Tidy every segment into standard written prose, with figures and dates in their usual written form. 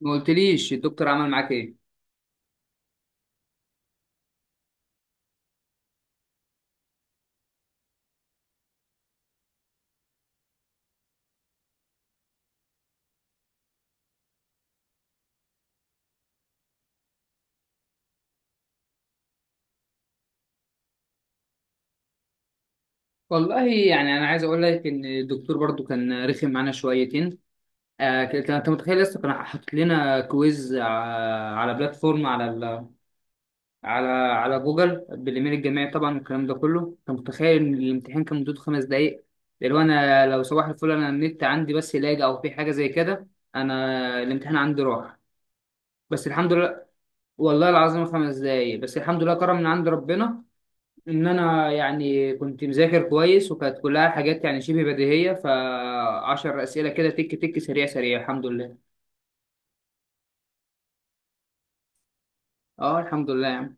ما قلتليش الدكتور عمل معاك ايه؟ والله يعني انا عايز اقول لك ان الدكتور برضو كان رخم معانا شويتين. آه، كان انت متخيل لسه كان حاطط لنا كويز على بلاتفورم على جوجل بالايميل الجامعي طبعا، والكلام ده كله انت متخيل ان الامتحان كان مدته خمس دقايق. لو انا صباح الفل، انا النت عندي بس لاج او في حاجه زي كده. انا الامتحان عندي راح، بس الحمد لله. والله العظيم خمس دقايق بس، الحمد لله، كرم من عند ربنا. ان انا يعني كنت مذاكر كويس، وكانت كلها حاجات يعني شبه بديهيه، فعشر اسئله كده تك تك، سريع الحمد لله. اه الحمد لله يا عم.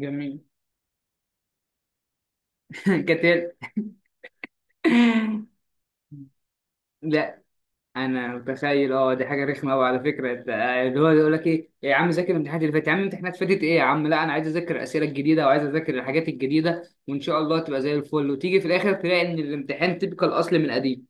جميل كتير. لا، انا متخيل، اه دي حاجه رخمه قوي على فكره، انت اللي هو يقول لك ايه يا عم ذاكر الامتحانات اللي فاتت، يا عم الامتحانات فاتت ايه، يا عم لا انا عايز اذاكر الاسئله الجديده وعايز اذاكر الحاجات الجديده، وان شاء الله تبقى زي الفل، وتيجي في الاخر تلاقي ان الامتحان تبقى الاصل من قديم.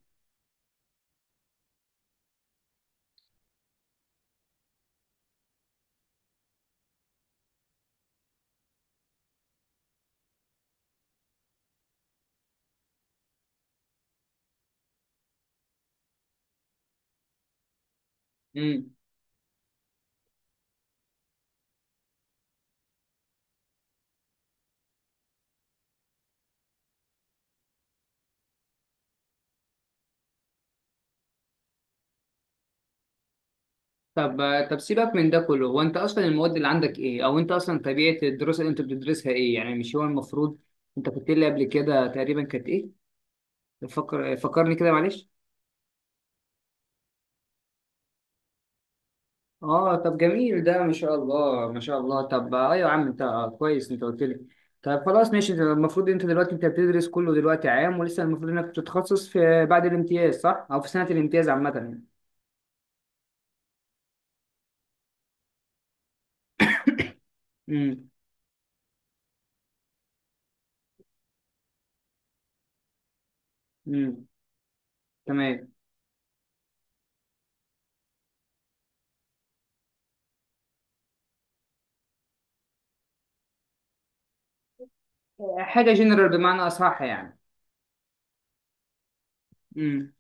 إمم. طب طب سيبك من ده كله، هو انت اصلا المواد اللي عندك ايه، او انت اصلا طبيعه الدراسه اللي انت بتدرسها ايه، يعني مش هو المفروض انت كنت لي قبل كده تقريبا كانت ايه؟ فكرني كده معلش. اه طب جميل، ده ما شاء الله ما شاء الله. طب ايوه يا عم انت، كويس انت قلت لي. طب خلاص ماشي، ده المفروض انت دلوقتي انت بتدرس كله دلوقتي عام، ولسه المفروض انك بتتخصص في بعد الامتياز صح، او في سنه الامتياز عامه يعني. امم. امم. تمام. حاجه جنرال بمعنى اصح يعني. امم.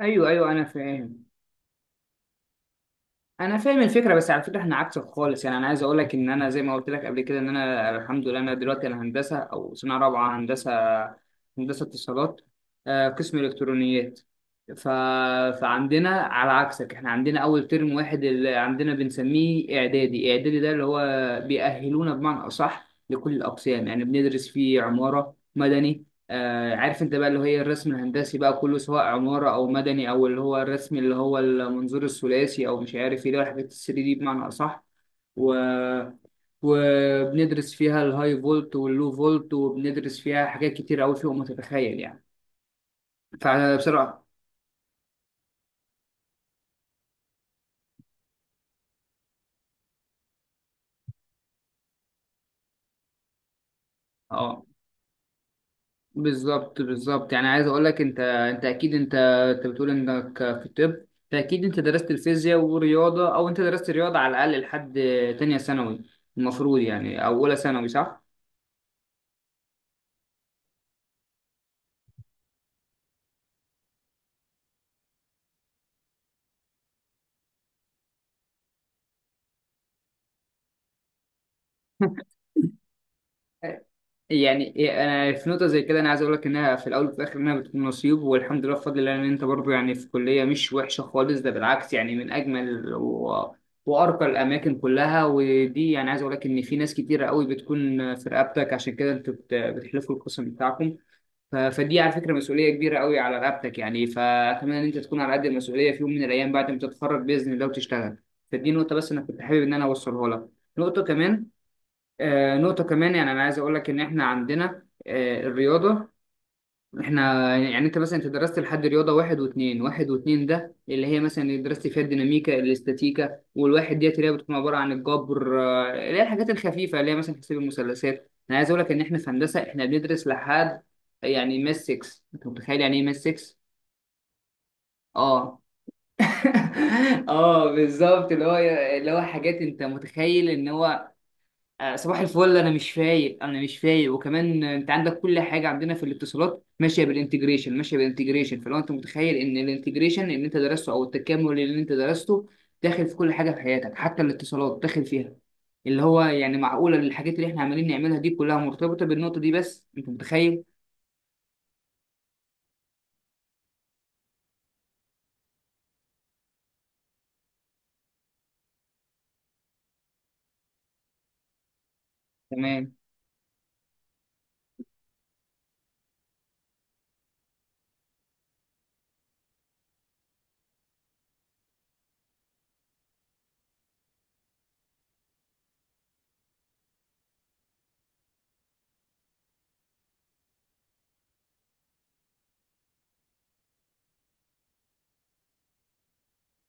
ايوه ايوه، انا فاهم. انا فاهم الفكره، بس على فكره احنا عكسك خالص، يعني انا عايز اقول لك ان انا زي ما قلت لك قبل كده، ان انا الحمد لله انا دلوقتي انا هندسه، او سنه رابعه هندسه، هندسه اتصالات، آه، قسم الكترونيات. ف... فعندنا على عكسك، احنا عندنا اول ترم واحد اللي عندنا بنسميه اعدادي، اعدادي ده اللي هو بيأهلونا بمعنى اصح لكل الاقسام، يعني بندرس فيه عماره مدني، آه، عارف انت بقى اللي هي الرسم الهندسي بقى كله، سواء عمارة او مدني، او اللي هو الرسم اللي هو المنظور الثلاثي، او مش عارف ايه، ده الحاجات الثري دي بمعنى اصح. و... وبندرس فيها الهاي فولت واللو فولت، وبندرس فيها حاجات كتير قوي فوق ما تتخيل يعني، فبصراحة. اه بالظبط يعني عايز اقول لك، انت اكيد انت بتقول انك في الطب، فاكيد انت درست الفيزياء ورياضة، او انت درست رياضة على الاقل لحد تانية ثانوي المفروض يعني، او اولى ثانوي صح؟ يعني إيه، انا في نقطه زي كده، انا عايز اقول لك انها في الاول وفي الاخر انها بتكون نصيب، والحمد لله بفضل الله ان انت برضو يعني في كليه مش وحشه خالص، ده بالعكس يعني من اجمل وارقى الاماكن كلها، ودي يعني عايز اقول لك ان في ناس كتيره قوي بتكون في رقبتك، عشان كده انتوا بتحلفوا القسم بتاعكم. فدي على فكره مسؤوليه كبيره قوي على رقبتك يعني، فاتمنى ان انت تكون على قد المسؤوليه في يوم من الايام بعد ما تتخرج باذن الله وتشتغل. فدي نقطه بس انا كنت حابب ان انا اوصلها لك. نقطه كمان، آه، نقطة كمان يعني أنا عايز أقول لك إن إحنا عندنا، آه، الرياضة. إحنا يعني أنت مثلا أنت درست لحد رياضة واحد واتنين، واحد واتنين ده اللي هي مثلا اللي درست فيها الديناميكا الاستاتيكا، والواحد ديت اللي هي بتكون عبارة عن الجبر، آه، اللي هي الحاجات الخفيفة اللي هي مثلا تحسب المثلثات. أنا عايز أقول لك إن إحنا في هندسة إحنا بندرس لحد يعني ماس 6. أنت متخيل يعني إيه ماس 6؟ آه اه بالظبط، اللي هو اللي هو حاجات انت متخيل ان هو، آه، صباح الفل انا مش فايق، انا مش فايق. وكمان آه، انت عندك كل حاجه عندنا في الاتصالات ماشيه بالانتجريشن ماشيه بالانتجريشن. فلو انت متخيل ان الانتجريشن اللي انت درسته او التكامل اللي انت درسته داخل في كل حاجه في حياتك، حتى الاتصالات داخل فيها، اللي هو يعني معقوله الحاجات اللي احنا عمالين نعملها دي كلها مرتبطه بالنقطه دي، بس انت متخيل. تمام.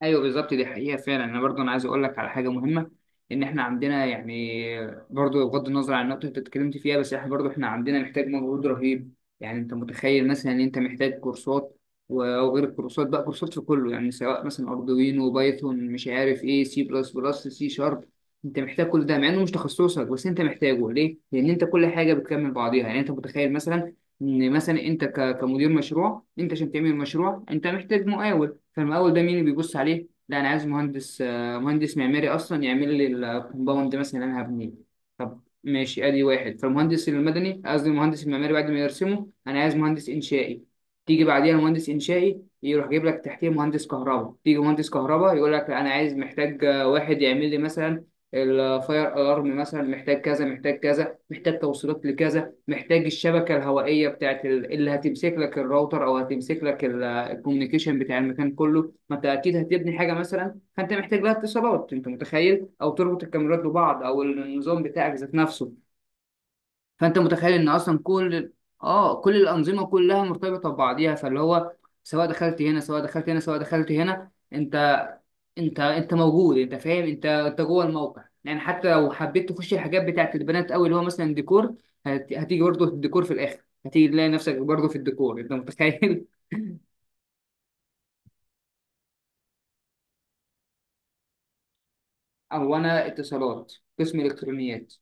ايوه بالظبط، دي حقيقه فعلا. انا برضو انا عايز اقول لك على حاجه مهمه، ان احنا عندنا يعني، برضو بغض النظر عن النقطه اللي انت اتكلمت فيها، بس احنا برضو احنا عندنا محتاج مجهود رهيب، يعني انت متخيل مثلا ان انت محتاج كورسات، و- وغير الكورسات بقى كورسات في كله، يعني سواء مثلا اردوينو، بايثون، مش عارف ايه، سي بلس بلس، سي شارب، انت محتاج كل ده مع انه مش تخصصك، بس انت محتاجه ليه؟ لان انت كل حاجه بتكمل بعضيها. يعني انت متخيل مثلا ان مثلا انت كمدير مشروع انت عشان تعمل مشروع انت محتاج مقاول، فالمقاول ده مين اللي بيبص عليه؟ لا انا عايز مهندس، آه، مهندس معماري اصلا يعمل لي الكومباوند مثلا اللي انا هبنيه. طب ماشي، ادي واحد. فالمهندس المدني، قصدي المهندس المعماري، بعد ما يرسمه انا عايز مهندس انشائي. تيجي بعديها مهندس انشائي يروح جايب لك تحتيه مهندس كهرباء، تيجي مهندس كهرباء يقول لك انا عايز، محتاج آه، واحد يعمل لي مثلا الفاير الارم مثلا، محتاج كذا، محتاج كذا، محتاج توصيلات لكذا، محتاج الشبكة الهوائية بتاعت اللي هتمسك لك الراوتر، أو هتمسك لك الكوميونيكيشن بتاع المكان كله، ما أنت أكيد هتبني حاجة مثلا فأنت محتاج لها اتصالات، أنت متخيل، أو تربط الكاميرات ببعض، أو النظام بتاعك ذات نفسه. فأنت متخيل إن أصلا كل، آه، كل الأنظمة كلها مرتبطة ببعضيها، فاللي هو سواء دخلت هنا، سواء دخلت هنا، سواء دخلت هنا، انت موجود، انت فاهم، انت جوه الموقع يعني، حتى لو حبيت تخش الحاجات بتاعت البنات قوي اللي هو مثلا ديكور، هتيجي برضه الديكور في الاخر، هتيجي تلاقي نفسك برضه في الديكور، انت متخيل. او انا اتصالات، قسم الكترونيات.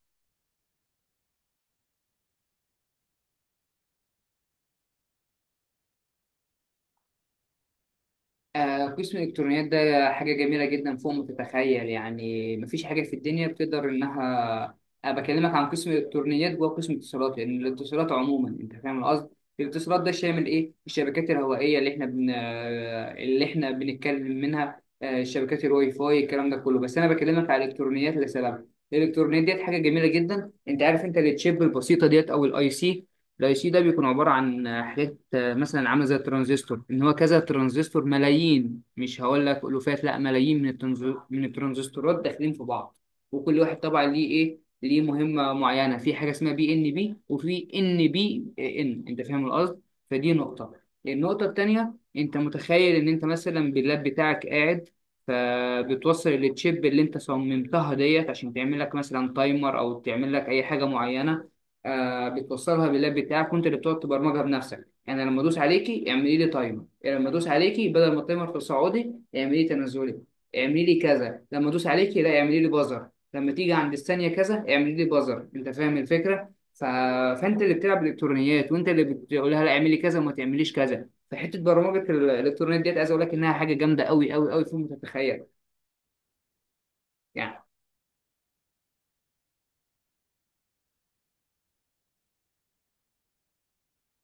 آه، قسم الإلكترونيات ده حاجة جميلة جدا فوق ما تتخيل يعني، مفيش حاجة في الدنيا بتقدر إنها، أنا بكلمك عن قسم الإلكترونيات جوه قسم الاتصالات، لأن يعني الاتصالات عموما أنت فاهم القصد، الاتصالات ده شامل إيه؟ الشبكات الهوائية اللي إحنا آه، اللي إحنا بنتكلم منها، آه، الشبكات الواي فاي، الكلام ده كله. بس أنا بكلمك على الإلكترونيات لسبب، الإلكترونيات ديت حاجة جميلة جدا أنت عارف، أنت التشيب البسيطة ديت أو الأي سي، الاي سي ده بيكون عباره عن حاجات، آه، مثلا عامله زي الترانزستور، ان هو كذا ترانزستور، ملايين، مش هقول لك الوفات لا ملايين من من الترانزستورات داخلين في بعض، وكل واحد طبعا ليه ايه، ليه مهمه معينه، في حاجه اسمها بي ان بي وفي ان بي ان، انت فاهم القصد. فدي نقطه. النقطه التانيه، انت متخيل ان انت مثلا باللاب بتاعك قاعد، فبتوصل التشيب اللي انت صممتها ديت عشان تعمل لك مثلا تايمر، او تعمل لك اي حاجه معينه، آه بتوصلها باللاب بتاعك، وانت اللي بتقعد تبرمجها بنفسك، يعني لما ادوس عليكي اعملي لي تايمر، يعني لما ادوس عليكي بدل ما التايمر في سعودي اعملي لي تنازلي، اعملي لي كذا، لما ادوس عليكي لا اعملي لي بازر، لما تيجي عند الثانيه كذا اعملي لي بازر، انت فاهم الفكره. فانت اللي بتلعب الكترونيات، وانت اللي بتقول لها لا اعملي كذا وما تعمليش كذا، فحته برمجه الالكترونيات ديت عايز اقول لك انها حاجه جامده قوي فوق ما تتخيل يعني.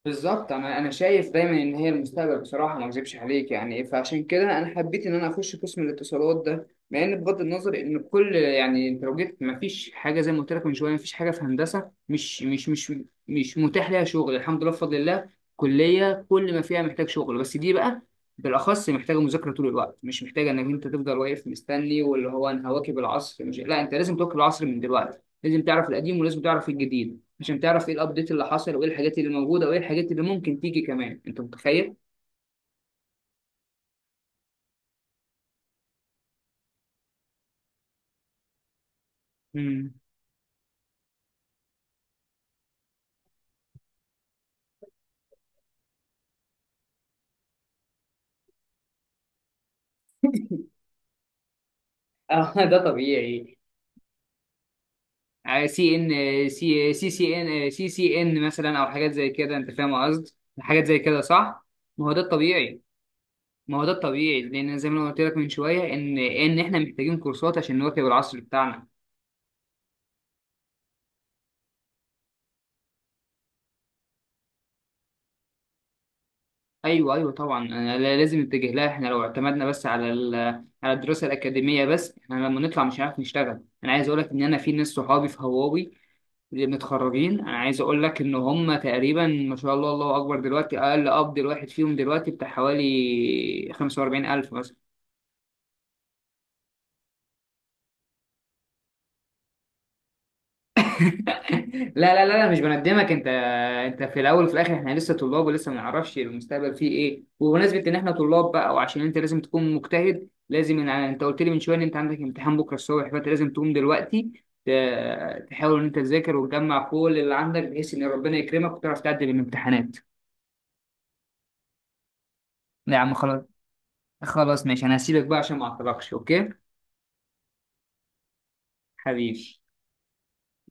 بالظبط، انا شايف دايما ان هي المستقبل بصراحه ما اكذبش عليك يعني، فعشان كده انا حبيت ان انا اخش قسم الاتصالات ده، مع ان بغض النظر ان كل يعني انت لو جيت ما فيش حاجه زي ما قلت لك من شويه، ما فيش حاجه في هندسه مش متاح ليها شغل، الحمد لله بفضل الله، كليه كل ما فيها محتاج شغل، بس دي بقى بالاخص محتاجه مذاكره طول الوقت، مش محتاجه انك انت تفضل واقف مستني واللي هو انا هواكب العصر، مش لا انت لازم تواكب العصر من دلوقتي، لازم تعرف القديم، ولازم تعرف الجديد، عشان تعرف ايه الابديت اللي حصل، وايه الحاجات اللي موجوده، وايه الحاجات اللي ممكن تيجي كمان، انت متخيل. امم. اه ده طبيعي. سي ان، سي سي سي ان مثلا، او حاجات زي كده انت فاهم قصدي، حاجات زي كده صح. ما هو ده الطبيعي، ما هو ده الطبيعي، لان زي ما أنا قلت لك من شويه ان احنا محتاجين كورسات عشان نواكب العصر بتاعنا. ايوه ايوه طبعا، أنا لازم نتجه لها، احنا لو اعتمدنا بس على على الدراسه الاكاديميه بس، احنا لما نطلع مش هنعرف نشتغل. انا عايز اقول لك ان انا في ناس صحابي في هواوي اللي متخرجين، انا عايز اقول لك ان هم تقريبا ما شاء الله الله اكبر دلوقتي اقل قبض الواحد فيهم دلوقتي بتاع حوالي 45,000 مثلا. لا مش بندمك انت، انت في الاول وفي الاخر احنا لسه طلاب، ولسه ما نعرفش المستقبل فيه ايه، وبمناسبه ان احنا طلاب بقى، وعشان انت لازم تكون مجتهد، لازم إن انت قلت لي من شويه ان انت عندك امتحان بكره الصبح، فانت لازم تقوم دلوقتي تحاول ان انت تذاكر وتجمع كل اللي عندك، بحيث ان ربنا يكرمك وتعرف تعدي الامتحانات. لا يا عم خلاص، خلاص ماشي، انا هسيبك بقى عشان ما اعطلكش، اوكي؟ حبيبي.